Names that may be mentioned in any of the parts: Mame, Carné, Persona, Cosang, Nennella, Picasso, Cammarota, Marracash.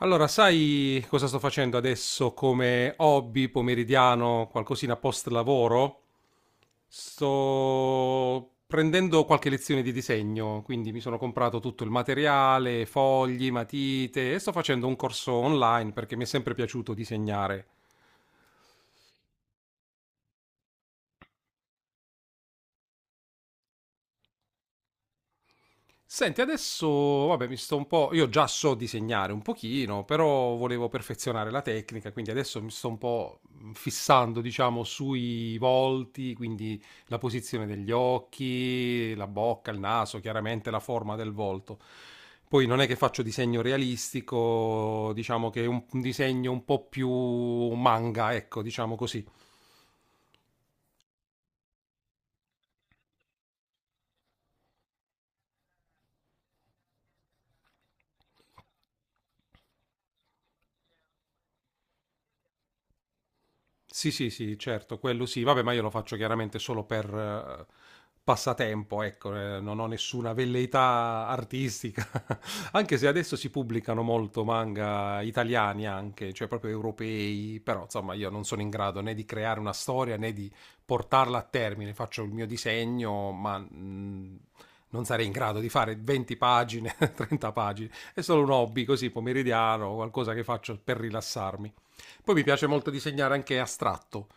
Allora, sai cosa sto facendo adesso come hobby pomeridiano, qualcosina post lavoro? Sto prendendo qualche lezione di disegno, quindi mi sono comprato tutto il materiale, fogli, matite e sto facendo un corso online perché mi è sempre piaciuto disegnare. Senti, adesso, vabbè, mi sto un po'... Io già so disegnare un pochino, però volevo perfezionare la tecnica, quindi adesso mi sto un po' fissando, diciamo, sui volti, quindi la posizione degli occhi, la bocca, il naso, chiaramente la forma del volto. Poi non è che faccio disegno realistico, diciamo che è un disegno un po' più manga, ecco, diciamo così. Sì, sì, sì, certo, quello sì. Vabbè, ma io lo faccio chiaramente solo per passatempo, ecco, non ho nessuna velleità artistica. Anche se adesso si pubblicano molto manga italiani anche, cioè proprio europei, però insomma io non sono in grado né di creare una storia né di portarla a termine. Faccio il mio disegno, ma non sarei in grado di fare 20 pagine, 30 pagine. È solo un hobby così pomeridiano, qualcosa che faccio per rilassarmi. Poi mi piace molto disegnare anche astratto,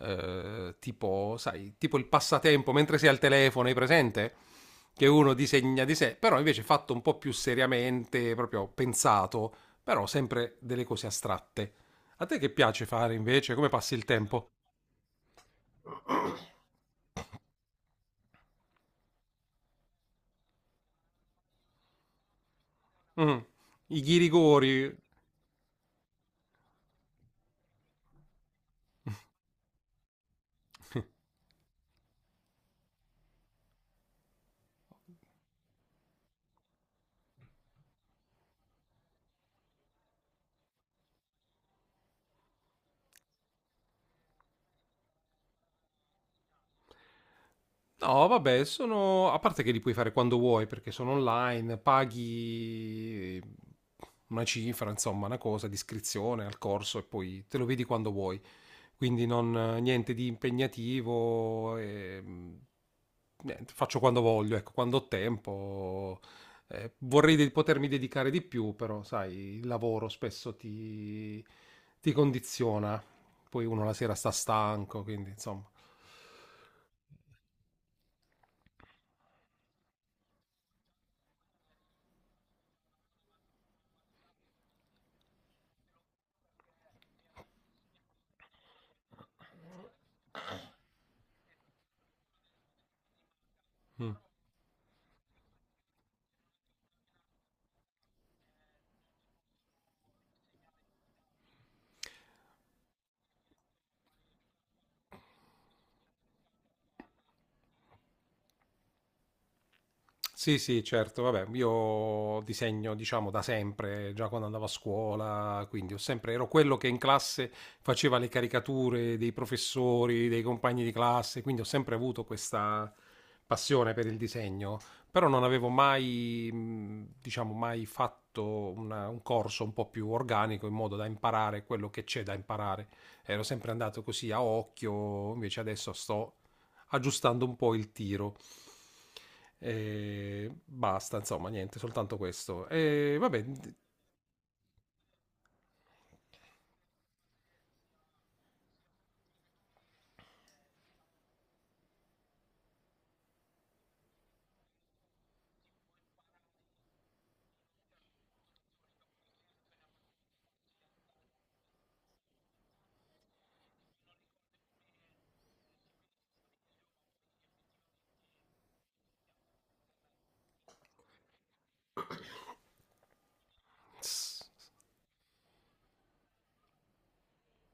tipo, sai, tipo il passatempo mentre sei al telefono, hai presente? Che uno disegna di sé, però invece fatto un po' più seriamente, proprio pensato, però sempre delle cose astratte. A te che piace fare invece? Come passi il tempo? Mm, i ghirigori. No, vabbè, sono... a parte che li puoi fare quando vuoi perché sono online, paghi una cifra, insomma, una cosa di iscrizione al corso e poi te lo vedi quando vuoi. Quindi non, niente di impegnativo, e, niente, faccio quando voglio, ecco, quando ho tempo. Vorrei de- potermi dedicare di più, però sai, il lavoro spesso ti, ti condiziona. Poi uno la sera sta stanco, quindi insomma. Mm. Sì, sì, certo, vabbè, io disegno, diciamo, da sempre, già quando andavo a scuola, quindi ho sempre, ero quello che in classe faceva le caricature dei professori, dei compagni di classe, quindi ho sempre avuto questa passione per il disegno, però non avevo mai, diciamo, mai fatto una- un corso un po' più organico in modo da imparare quello che c'è da imparare. Ero sempre andato così a occhio, invece adesso sto aggiustando un po' il tiro. E basta, insomma, niente, soltanto questo. E vabbè,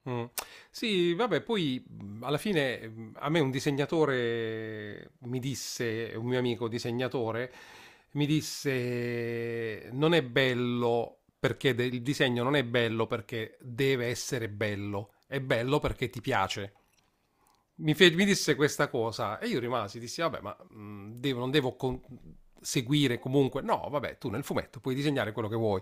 mm. Sì, vabbè, poi alla fine a me un disegnatore mi disse, un mio amico disegnatore, mi disse non è bello perché de- il disegno non è bello perché deve essere bello, è bello perché ti piace. Mi, fe- mi disse questa cosa e io rimasi, dissi vabbè, ma devo- non devo con- seguire comunque. No, vabbè, tu nel fumetto puoi disegnare quello che vuoi,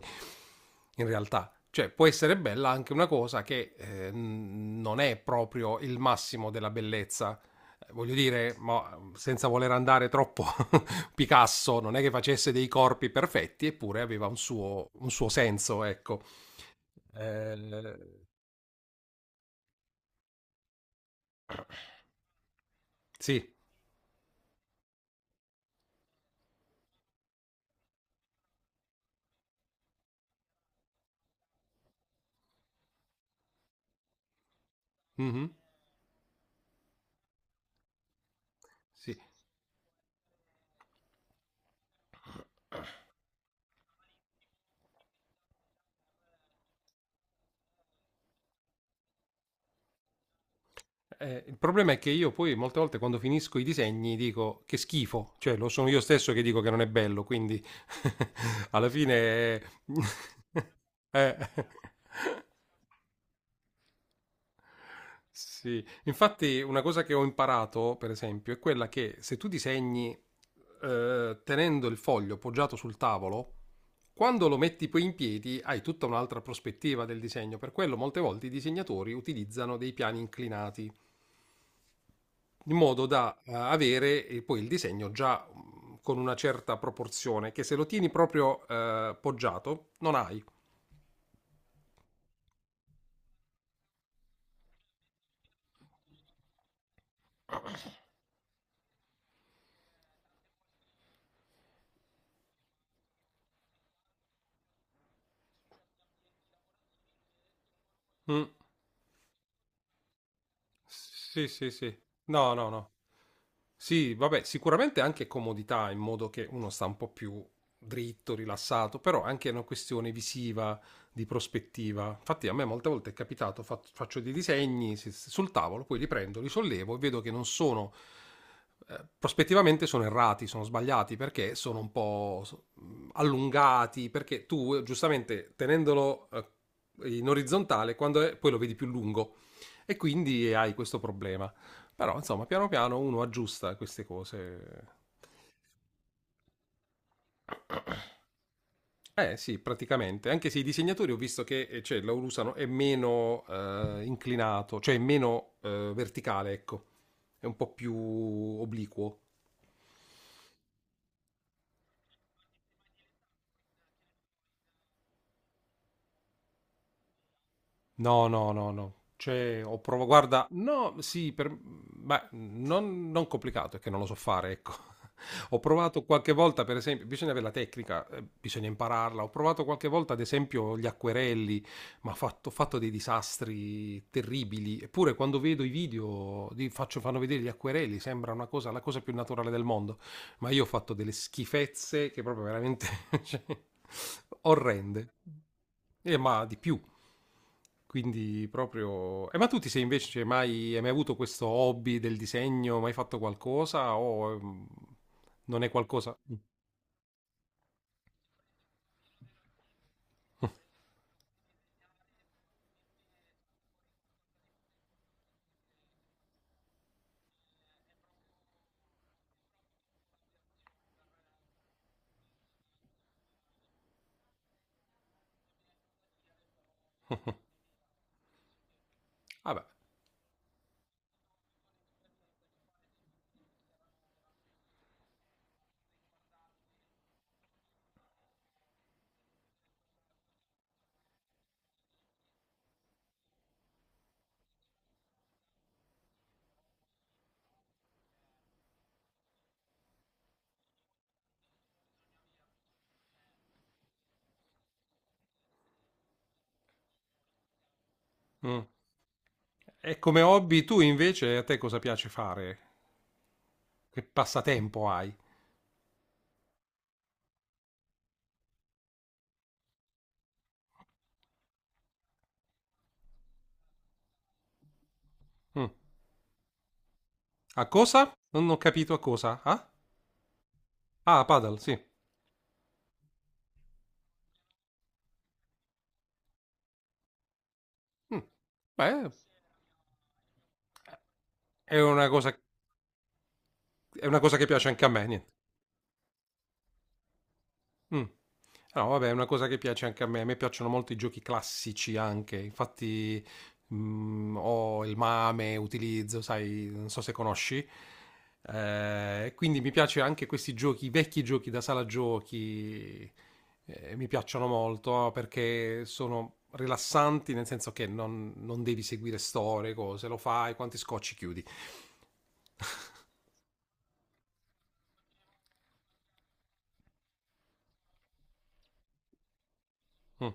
in realtà. Cioè, può essere bella anche una cosa che n- non è proprio il massimo della bellezza. Voglio dire, ma senza voler andare troppo, Picasso non è che facesse dei corpi perfetti, eppure aveva un suo senso, ecco. Eh, sì, mhm, sì. Il problema è che io poi molte volte quando finisco i disegni dico che schifo, cioè lo sono io stesso che dico che non è bello, quindi alla fine... eh, sì, infatti una cosa che ho imparato, per esempio, è quella che se tu disegni tenendo il foglio poggiato sul tavolo, quando lo metti poi in piedi hai tutta un'altra prospettiva del disegno. Per quello molte volte i disegnatori utilizzano dei piani inclinati, in modo da avere poi il disegno già con una certa proporzione, che se lo tieni proprio poggiato non hai. Mm. Sì, sì, sì. No, no, no. Sì, vabbè, sicuramente anche comodità, in modo che uno sta un po' più dritto, rilassato, però è anche una questione visiva, di prospettiva. Infatti a me molte volte è capitato, fa- faccio dei disegni si- sul tavolo, poi li prendo, li sollevo e vedo che non sono, prospettivamente sono errati, sono sbagliati, perché sono un po' so- allungati, perché tu giustamente tenendolo in orizzontale, quando è, poi lo vedi più lungo e quindi hai questo problema. Però, insomma, piano piano uno aggiusta queste cose. Eh sì, praticamente. Anche se i disegnatori ho visto che cioè, l'Aurusano è meno inclinato, cioè è meno verticale, ecco. È un po' più obliquo. No, no, no, no. Cioè, ho provato, guarda, no, sì, per... ma non, non complicato, è che non lo so fare, ecco. Ho provato qualche volta, per esempio, bisogna avere la tecnica, bisogna impararla. Ho provato qualche volta, ad esempio, gli acquerelli, ma ho fatto dei disastri terribili. Eppure quando vedo i video, di- faccio- fanno vedere gli acquerelli, sembra una cosa, la cosa più naturale del mondo ma io ho fatto delle schifezze che proprio veramente cioè, orrende. E ma di più. Quindi proprio... ma tu ti sei invece cioè, mai, hai mai avuto questo hobby del disegno? Mai fatto qualcosa? O mm, non è qualcosa? Mm. Vabbè. Mm. E come hobby tu invece a te cosa piace fare? Che passatempo hai? Mm. A cosa? Non ho capito a cosa. Ah, ah a paddle, sì. Mm. Beh, è una cosa è una cosa che piace anche a me, niente. Mm. No, vabbè, è una cosa che piace anche a me. A me piacciono molto i giochi classici anche. Infatti, ho il Mame, utilizzo, sai, non so se conosci. Quindi mi piace anche questi giochi, i vecchi giochi da sala giochi. Mi piacciono molto perché sono rilassanti, nel senso che non, non devi seguire storie, cose, lo fai, quanti scocci chiudi. Mm,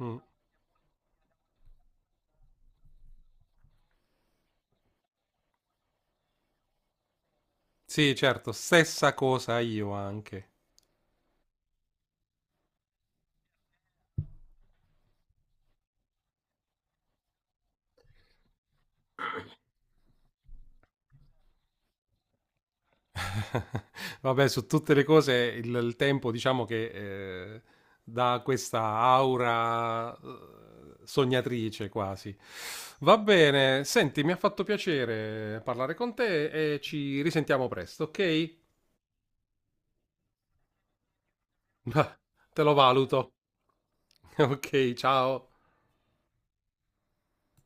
mm. Sì, certo, stessa cosa io anche. Vabbè, su tutte le cose il tempo diciamo che dà questa aura sognatrice quasi. Va bene, senti, mi ha fatto piacere parlare con te e ci risentiamo presto, ok? Te lo valuto. Ok, ciao.